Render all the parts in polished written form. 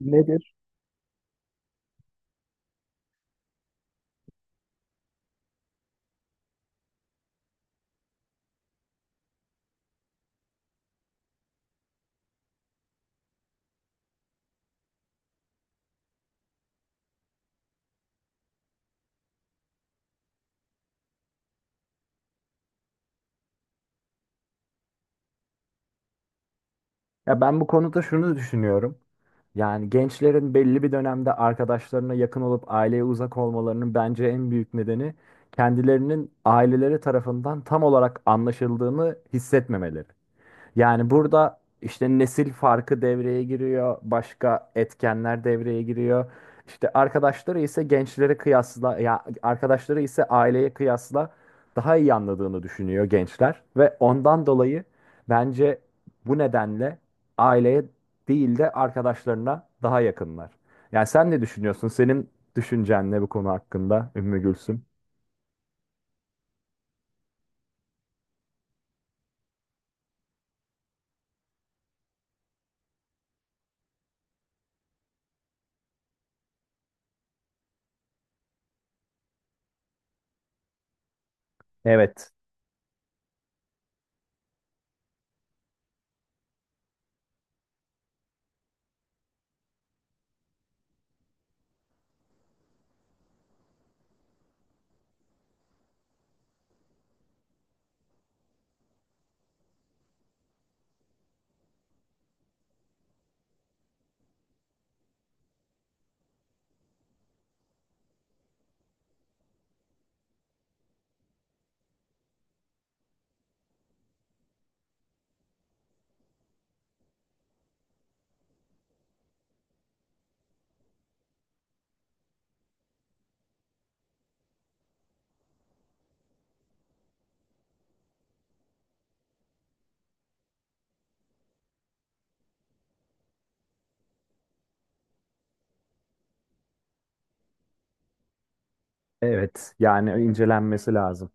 Nedir? Ya ben bu konuda şunu düşünüyorum. Yani gençlerin belli bir dönemde arkadaşlarına yakın olup aileye uzak olmalarının bence en büyük nedeni kendilerinin aileleri tarafından tam olarak anlaşıldığını hissetmemeleri. Yani burada işte nesil farkı devreye giriyor, başka etkenler devreye giriyor. İşte arkadaşları ise gençlere kıyasla, ya arkadaşları ise aileye kıyasla daha iyi anladığını düşünüyor gençler ve ondan dolayı bence bu nedenle aileye değil de arkadaşlarına daha yakınlar. Yani sen ne düşünüyorsun? Senin düşüncen ne bu konu hakkında Ümmü Gülsüm? Evet, evet. Yani incelenmesi lazım.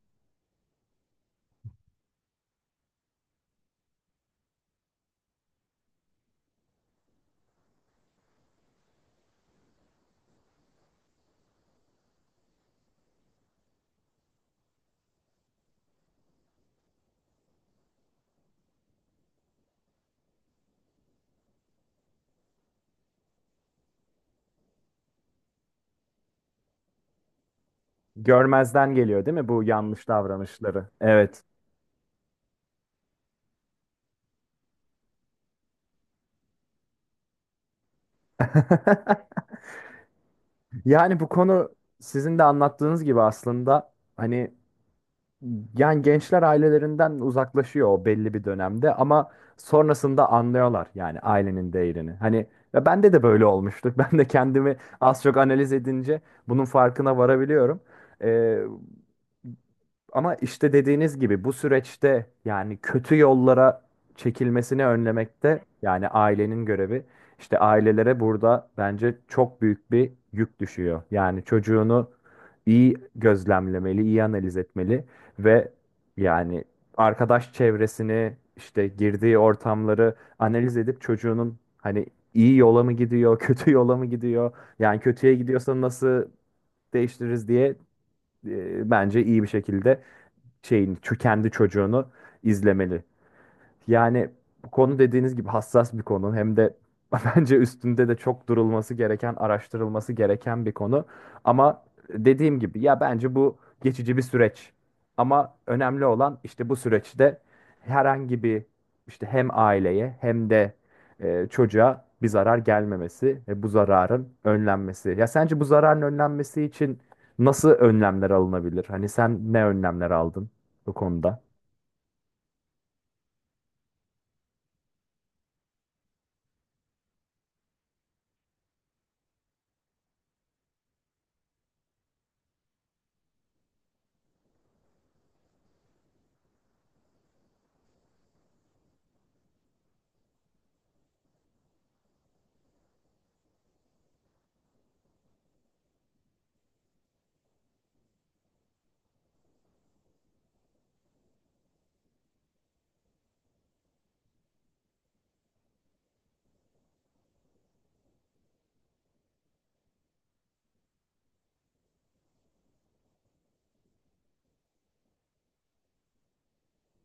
Görmezden geliyor değil mi bu yanlış davranışları? Evet. Yani bu konu sizin de anlattığınız gibi aslında hani yani gençler ailelerinden uzaklaşıyor o belli bir dönemde ama sonrasında anlıyorlar yani ailenin değerini. Hani ve bende de böyle olmuştu. Ben de kendimi az çok analiz edince bunun farkına varabiliyorum. Ee, Ama işte dediğiniz gibi bu süreçte yani kötü yollara çekilmesini önlemekte yani ailenin görevi. İşte ailelere burada bence çok büyük bir yük düşüyor. Yani çocuğunu iyi gözlemlemeli, iyi analiz etmeli ve yani arkadaş çevresini, işte girdiği ortamları analiz edip çocuğunun hani iyi yola mı gidiyor, kötü yola mı gidiyor? Yani kötüye gidiyorsa nasıl değiştiririz diye bence iyi bir şekilde şeyini, kendi çocuğunu izlemeli. Yani bu konu dediğiniz gibi hassas bir konu. Hem de bence üstünde de çok durulması gereken, araştırılması gereken bir konu. Ama dediğim gibi ya bence bu geçici bir süreç. Ama önemli olan işte bu süreçte herhangi bir işte hem aileye hem de çocuğa bir zarar gelmemesi ve bu zararın önlenmesi. Ya sence bu zararın önlenmesi için nasıl önlemler alınabilir? Hani sen ne önlemler aldın bu konuda?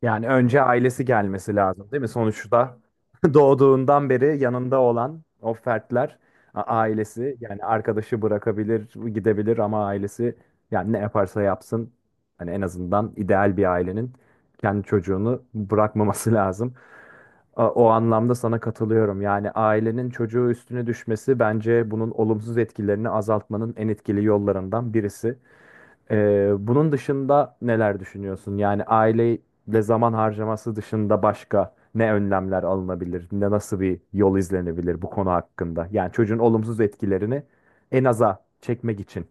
Yani önce ailesi gelmesi lazım değil mi? Sonuçta doğduğundan beri yanında olan o fertler ailesi yani arkadaşı bırakabilir, gidebilir ama ailesi yani ne yaparsa yapsın hani en azından ideal bir ailenin kendi çocuğunu bırakmaması lazım. O anlamda sana katılıyorum. Yani ailenin çocuğu üstüne düşmesi bence bunun olumsuz etkilerini azaltmanın en etkili yollarından birisi. Bunun dışında neler düşünüyorsun? Yani aileyle zaman harcaması dışında başka ne önlemler alınabilir? Ne nasıl bir yol izlenebilir bu konu hakkında? Yani çocuğun olumsuz etkilerini en aza çekmek için.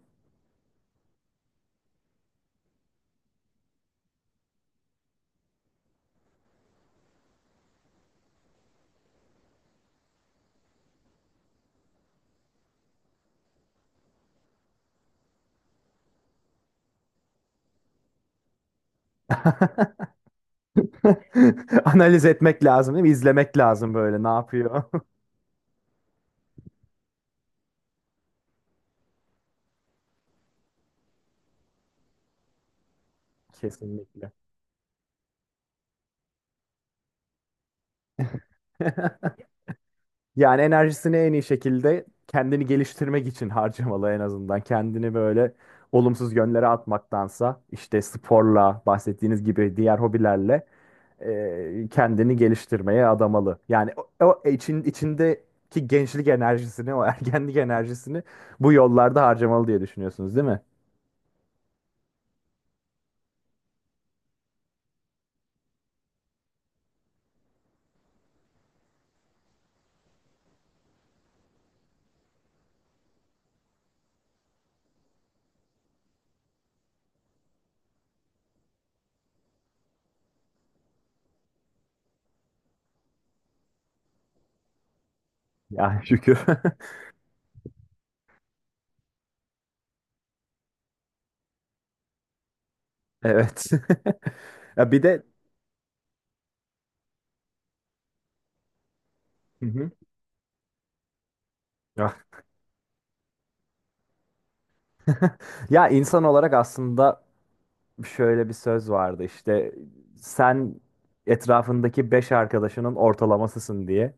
Analiz etmek lazım değil mi? İzlemek lazım böyle ne yapıyor? Kesinlikle. Yani enerjisini en iyi şekilde kendini geliştirmek için harcamalı en azından. Kendini böyle olumsuz yönlere atmaktansa işte sporla bahsettiğiniz gibi diğer hobilerle kendini geliştirmeye adamalı. Yani o, içindeki gençlik enerjisini, o ergenlik enerjisini bu yollarda harcamalı diye düşünüyorsunuz değil mi? Ya şükür. Evet. Ya bir de hı hı, ya ya insan olarak aslında şöyle bir söz vardı işte sen etrafındaki 5 arkadaşının ortalamasısın diye.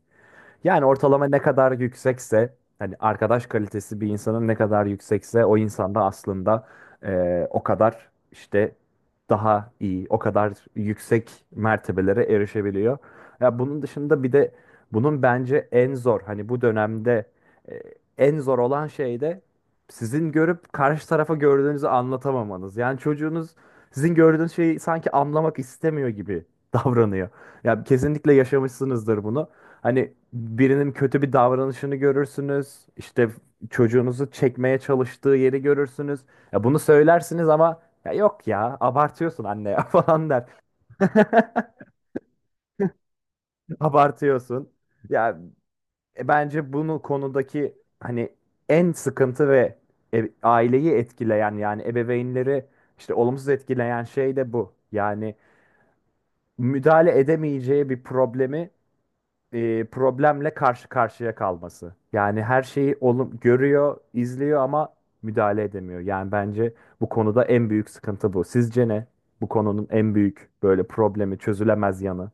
Yani ortalama ne kadar yüksekse hani arkadaş kalitesi bir insanın ne kadar yüksekse o insanda aslında o kadar işte daha iyi, o kadar yüksek mertebelere erişebiliyor. Ya bunun dışında bir de bunun bence en zor hani bu dönemde e, en zor olan şey de sizin görüp karşı tarafa gördüğünüzü anlatamamanız. Yani çocuğunuz sizin gördüğünüz şeyi sanki anlamak istemiyor gibi davranıyor. Ya kesinlikle yaşamışsınızdır bunu. Hani birinin kötü bir davranışını görürsünüz. İşte çocuğunuzu çekmeye çalıştığı yeri görürsünüz. Ya bunu söylersiniz ama ya yok ya abartıyorsun anne ya falan der. Abartıyorsun. Ya bence bunu konudaki hani en sıkıntı ve aileyi etkileyen yani ebeveynleri işte olumsuz etkileyen şey de bu. Yani müdahale edemeyeceği bir problemle karşı karşıya kalması. Yani her şeyi olum görüyor, izliyor ama müdahale edemiyor. Yani bence bu konuda en büyük sıkıntı bu. Sizce ne? Bu konunun en büyük böyle problemi, çözülemez yanı.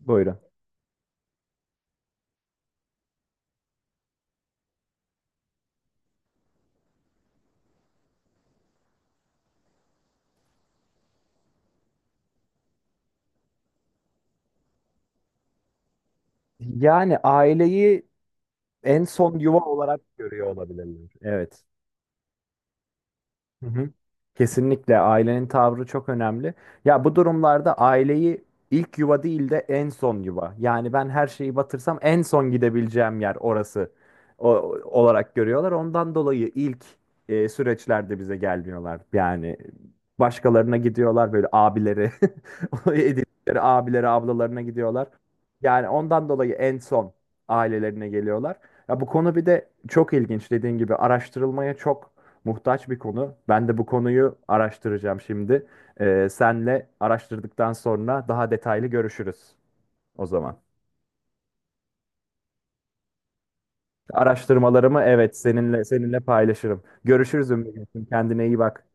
Buyurun. Yani aileyi en son yuva olarak görüyor olabilirler. Evet. Hı hı. Kesinlikle ailenin tavrı çok önemli. Ya bu durumlarda aileyi ilk yuva değil de en son yuva. Yani ben her şeyi batırsam en son gidebileceğim yer orası o, olarak görüyorlar. Ondan dolayı ilk süreçlerde bize gelmiyorlar. Yani başkalarına gidiyorlar böyle abileri, edindikleri abileri, ablalarına gidiyorlar. Yani ondan dolayı en son ailelerine geliyorlar. Ya bu konu bir de çok ilginç dediğin gibi araştırılmaya çok muhtaç bir konu. Ben de bu konuyu araştıracağım şimdi. Senle araştırdıktan sonra daha detaylı görüşürüz o zaman. Araştırmalarımı evet seninle paylaşırım. Görüşürüz Ümmü'cüğüm. Kendine iyi bak.